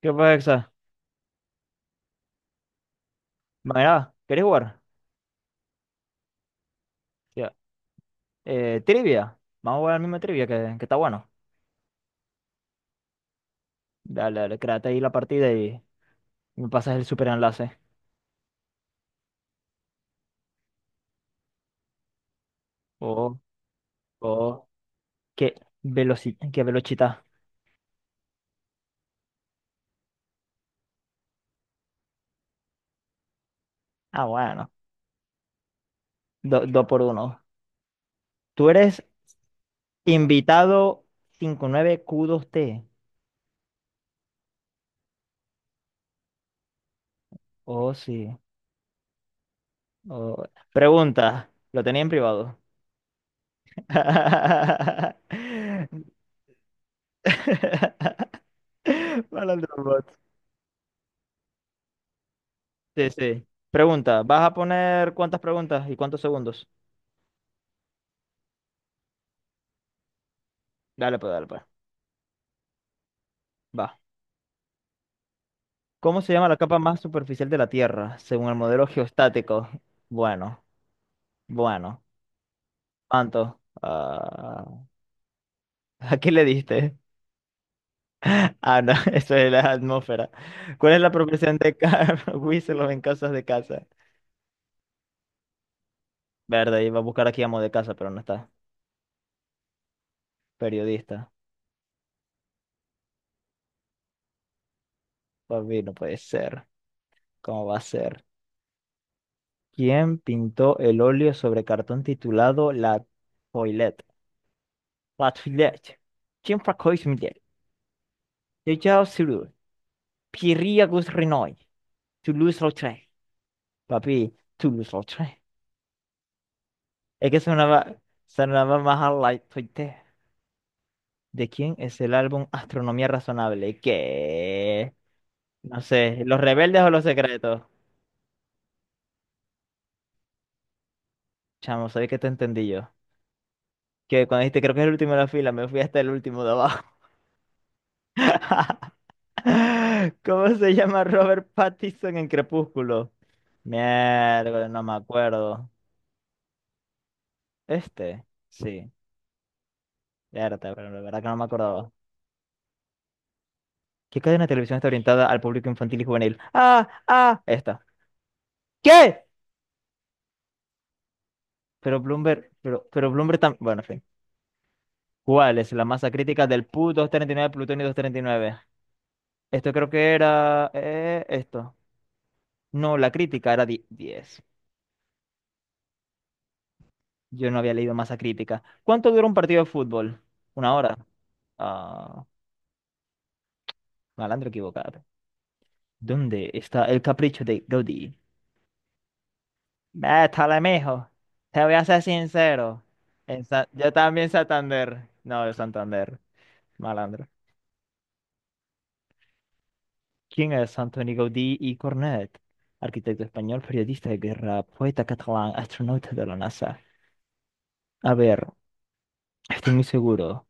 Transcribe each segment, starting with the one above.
¿Qué pasa? Exa? Mira, ¿querés jugar? Ya. Trivia. Vamos a jugar la misma trivia que está bueno. Dale, dale, créate ahí la partida y me pasas el super enlace. Oh, oh, qué velocidad, qué velocidad. Ah, bueno. Dos por uno. Tú eres invitado 59 q dos t. Oh, sí. Oh. Pregunta. Lo tenía en privado. Malandro bot. Sí, sí. Pregunta, ¿vas a poner cuántas preguntas y cuántos segundos? Dale, pues, dale, pues. Va. ¿Cómo se llama la capa más superficial de la Tierra, según el modelo geostático? Bueno, bueno. ¿Cuánto? Ah, ¿a qué le diste? Ah, no, eso es la atmósfera. ¿Cuál es la proporción de Carl en casas de casa? Verde, iba a buscar aquí amo de casa, pero no está. Periodista. Papi, no puede ser. ¿Cómo va a ser? ¿Quién pintó el óleo sobre cartón titulado La Toilette? Латвилять. Чем покой земле? Летел сюда. Пирия гус реной. Тулуз-Лаутрек. Papi, Toulouse-Lautrec. Es que sonaba más a Light Toite. ¿De quién es el álbum Astronomía Razonable? ¿Qué? No sé, ¿Los Rebeldes o Los Secretos? Chamo, ¿sabes qué te entendí yo? Que cuando dijiste creo que es el último de la fila, me fui hasta el último de abajo. ¿Cómo se llama Robert Pattinson en Crepúsculo? Mierda, no me acuerdo. Este, sí. Verdad, pero la verdad que no me acordaba. ¿Qué cadena de televisión está orientada al público infantil y juvenil? Ah, ah, esta. ¿Qué? Pero Bloomberg, pero Bloomberg también. Bueno, en fin. ¿Cuál es la masa crítica del PU-239, Plutonio 239? Esto creo que era, esto. No, la crítica era 10. Yo no había leído masa crítica. ¿Cuánto dura un partido de fútbol? ¿Una hora? Ah, malandro equivocado. ¿Dónde está el capricho de Gaudí? Métale, mijo. Te voy a ser sincero. Yo también Santander. No, de Santander. Malandro. ¿Quién es Antonio Gaudí y Cornet? Arquitecto español, periodista de guerra, poeta catalán, astronauta de la NASA. A ver, estoy muy seguro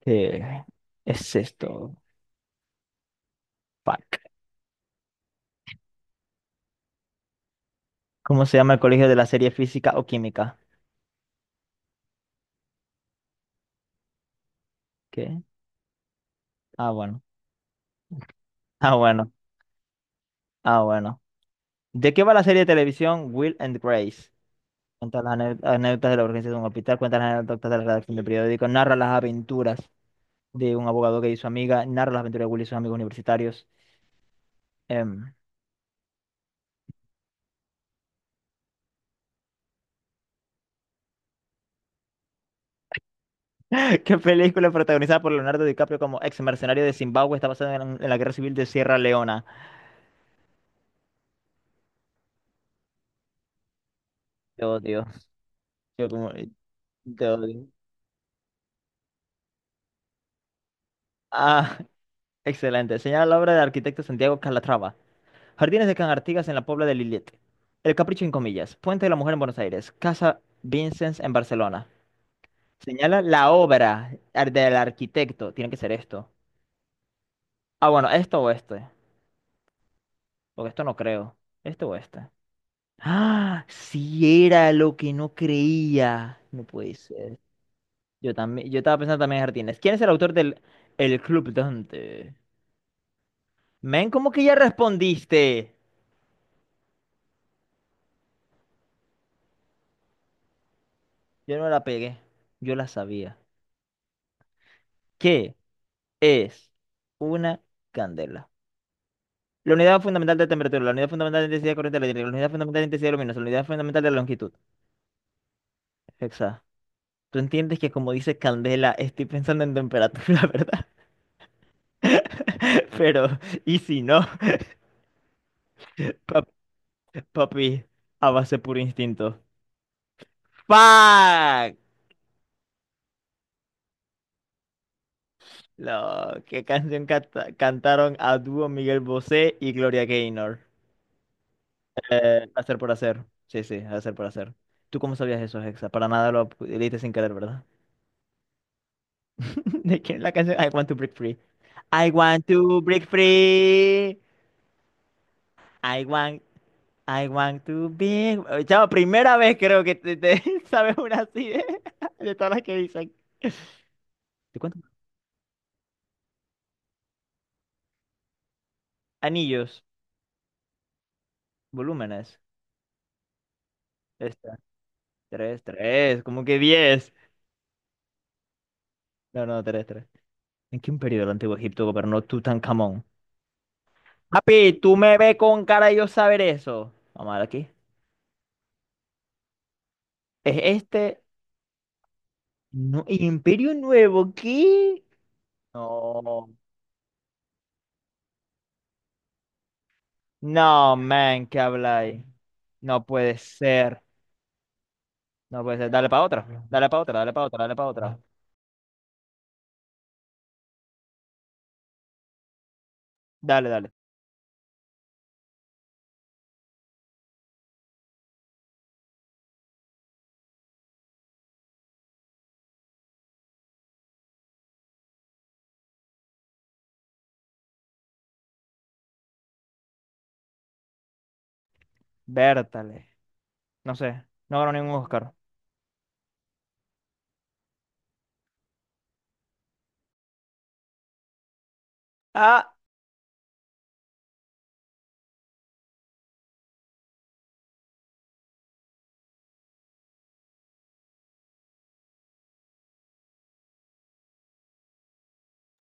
que es esto. Fuck. ¿Cómo se llama el colegio de la serie física o química? ¿Qué? Ah, bueno. Ah, bueno. Ah, bueno. ¿De qué va la serie de televisión Will and Grace? Cuenta las anécdotas de la urgencia de un hospital, cuenta las anécdotas de la redacción del periódico, narra las aventuras de un abogado que y su amiga, narra las aventuras de Will y sus amigos universitarios. Em, ¿Qué película protagonizada por Leonardo DiCaprio como ex mercenario de Zimbabue está basada en la guerra civil de Sierra Leona? Te odio. Yo como, te odio. Ah, excelente. Señala la obra del arquitecto Santiago Calatrava. Jardines de Can Artigas en la Puebla de Lillet. El Capricho en comillas. Puente de la Mujer en Buenos Aires. Casa Vincennes en Barcelona. Señala la obra del arquitecto. Tiene que ser esto. Ah, bueno, esto o este. Porque esto no creo. Este o este. Ah, sí era lo que no creía. No puede ser. Yo también, yo estaba pensando también en jardines. ¿Quién es el autor del El Club Dante? Men, ¿cómo que ya respondiste? Yo no la pegué. Yo la sabía. ¿Qué es una candela? La unidad fundamental de temperatura, la unidad fundamental de intensidad de corriente eléctrica, la unidad fundamental de intensidad luminosa, la unidad fundamental de longitud. Hexágono. Tú entiendes que como dice Candela, estoy pensando en temperatura, ¿verdad? Pero, ¿y si no? Pap- Papi, a base puro instinto. ¡Fuck! ¿Qué canción cantaron a dúo Miguel Bosé y Gloria Gaynor? Hacer por hacer. Sí, sí, hacer por hacer. ¿Tú cómo sabías eso, Hexa? Para nada lo leíste sin querer, ¿verdad? ¿De quién es la canción? I want to break free. I want to break free. I want I want to be. Chavo, primera vez creo que te sabes una así de, de todas las que dicen. ¿De cuántos anillos? Volúmenes. Esta. Tres, tres, como que 10. No, no, tres, tres. ¿En qué imperio del Antiguo Egipto gobernó Tutankamón? Papi, tú me ves con cara de yo saber eso. Vamos a ver aquí. ¿Es este? No, ¿Imperio Nuevo? ¿Qué? No. No, man, ¿qué habláis? No puede ser. No puede ser. Dale para otra. Dale para otra, dale para otra, dale para otra. Dale, dale. Bértale. No sé. No ganó ningún Oscar. Ah,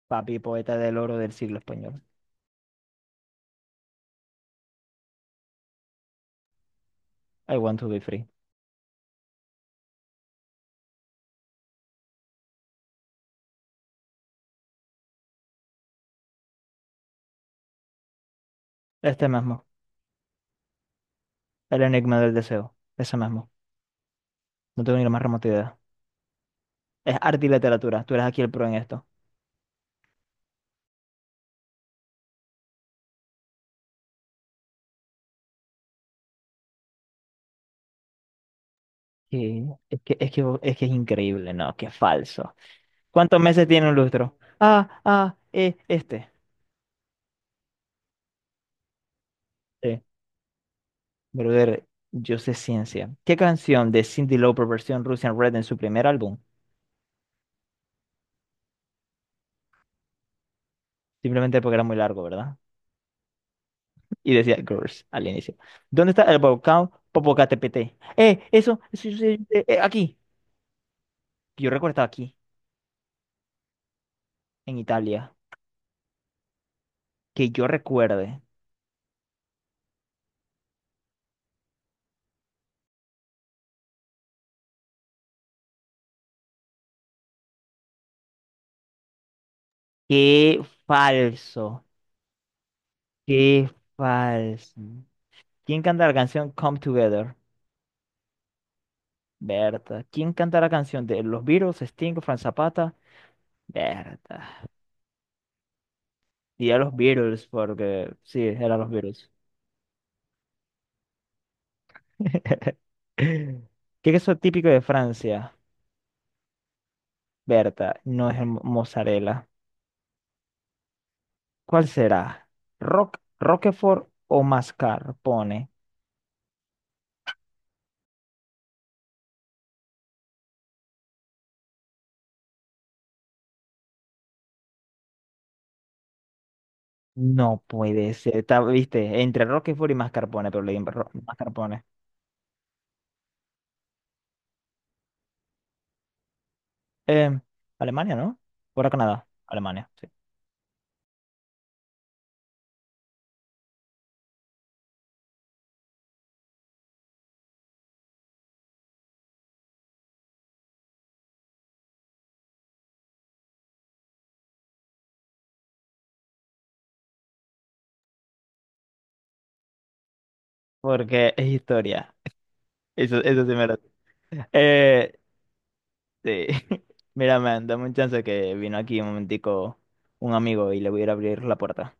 papi, poeta del oro del siglo español. I want to be free. Este mismo. El enigma del deseo. Ese mismo. No tengo ni la más remota idea. Es arte y literatura. Tú eres aquí el pro en esto. Sí, es que es increíble, ¿no? Qué falso. ¿Cuántos meses tiene un lustro? Ah, ah, este. Eh, brother, yo sé ciencia. ¿Qué canción de Cyndi Lauper versión Russian Red en su primer álbum? Simplemente porque era muy largo, ¿verdad? Y decía girls al inicio. ¿Dónde está el volcán Popocatépetl? Eso, eso, yo aquí. Yo recuerdo estaba aquí, en Italia. Que yo recuerde. Qué falso. Qué falso. ¿Quién canta la canción Come Together? Berta. ¿Quién canta la canción de los Beatles, Sting, Frank Zapata? Berta. Y a los Beatles, porque sí, eran los Beatles. ¿Qué es eso típico de Francia? Berta, no es el mozzarella. ¿Cuál será? ¿Rock, Roquefort o mascarpone? No puede ser. Está, viste, entre Roquefort y mascarpone, pero le di mascarpone. Em, Alemania, ¿no? ¿Fuera Canadá? Alemania, sí. Porque es historia. Eso sí me lo... Eh, sí. Mira, man, dame un chance que vino aquí un momentico un amigo y le voy a ir a abrir la puerta.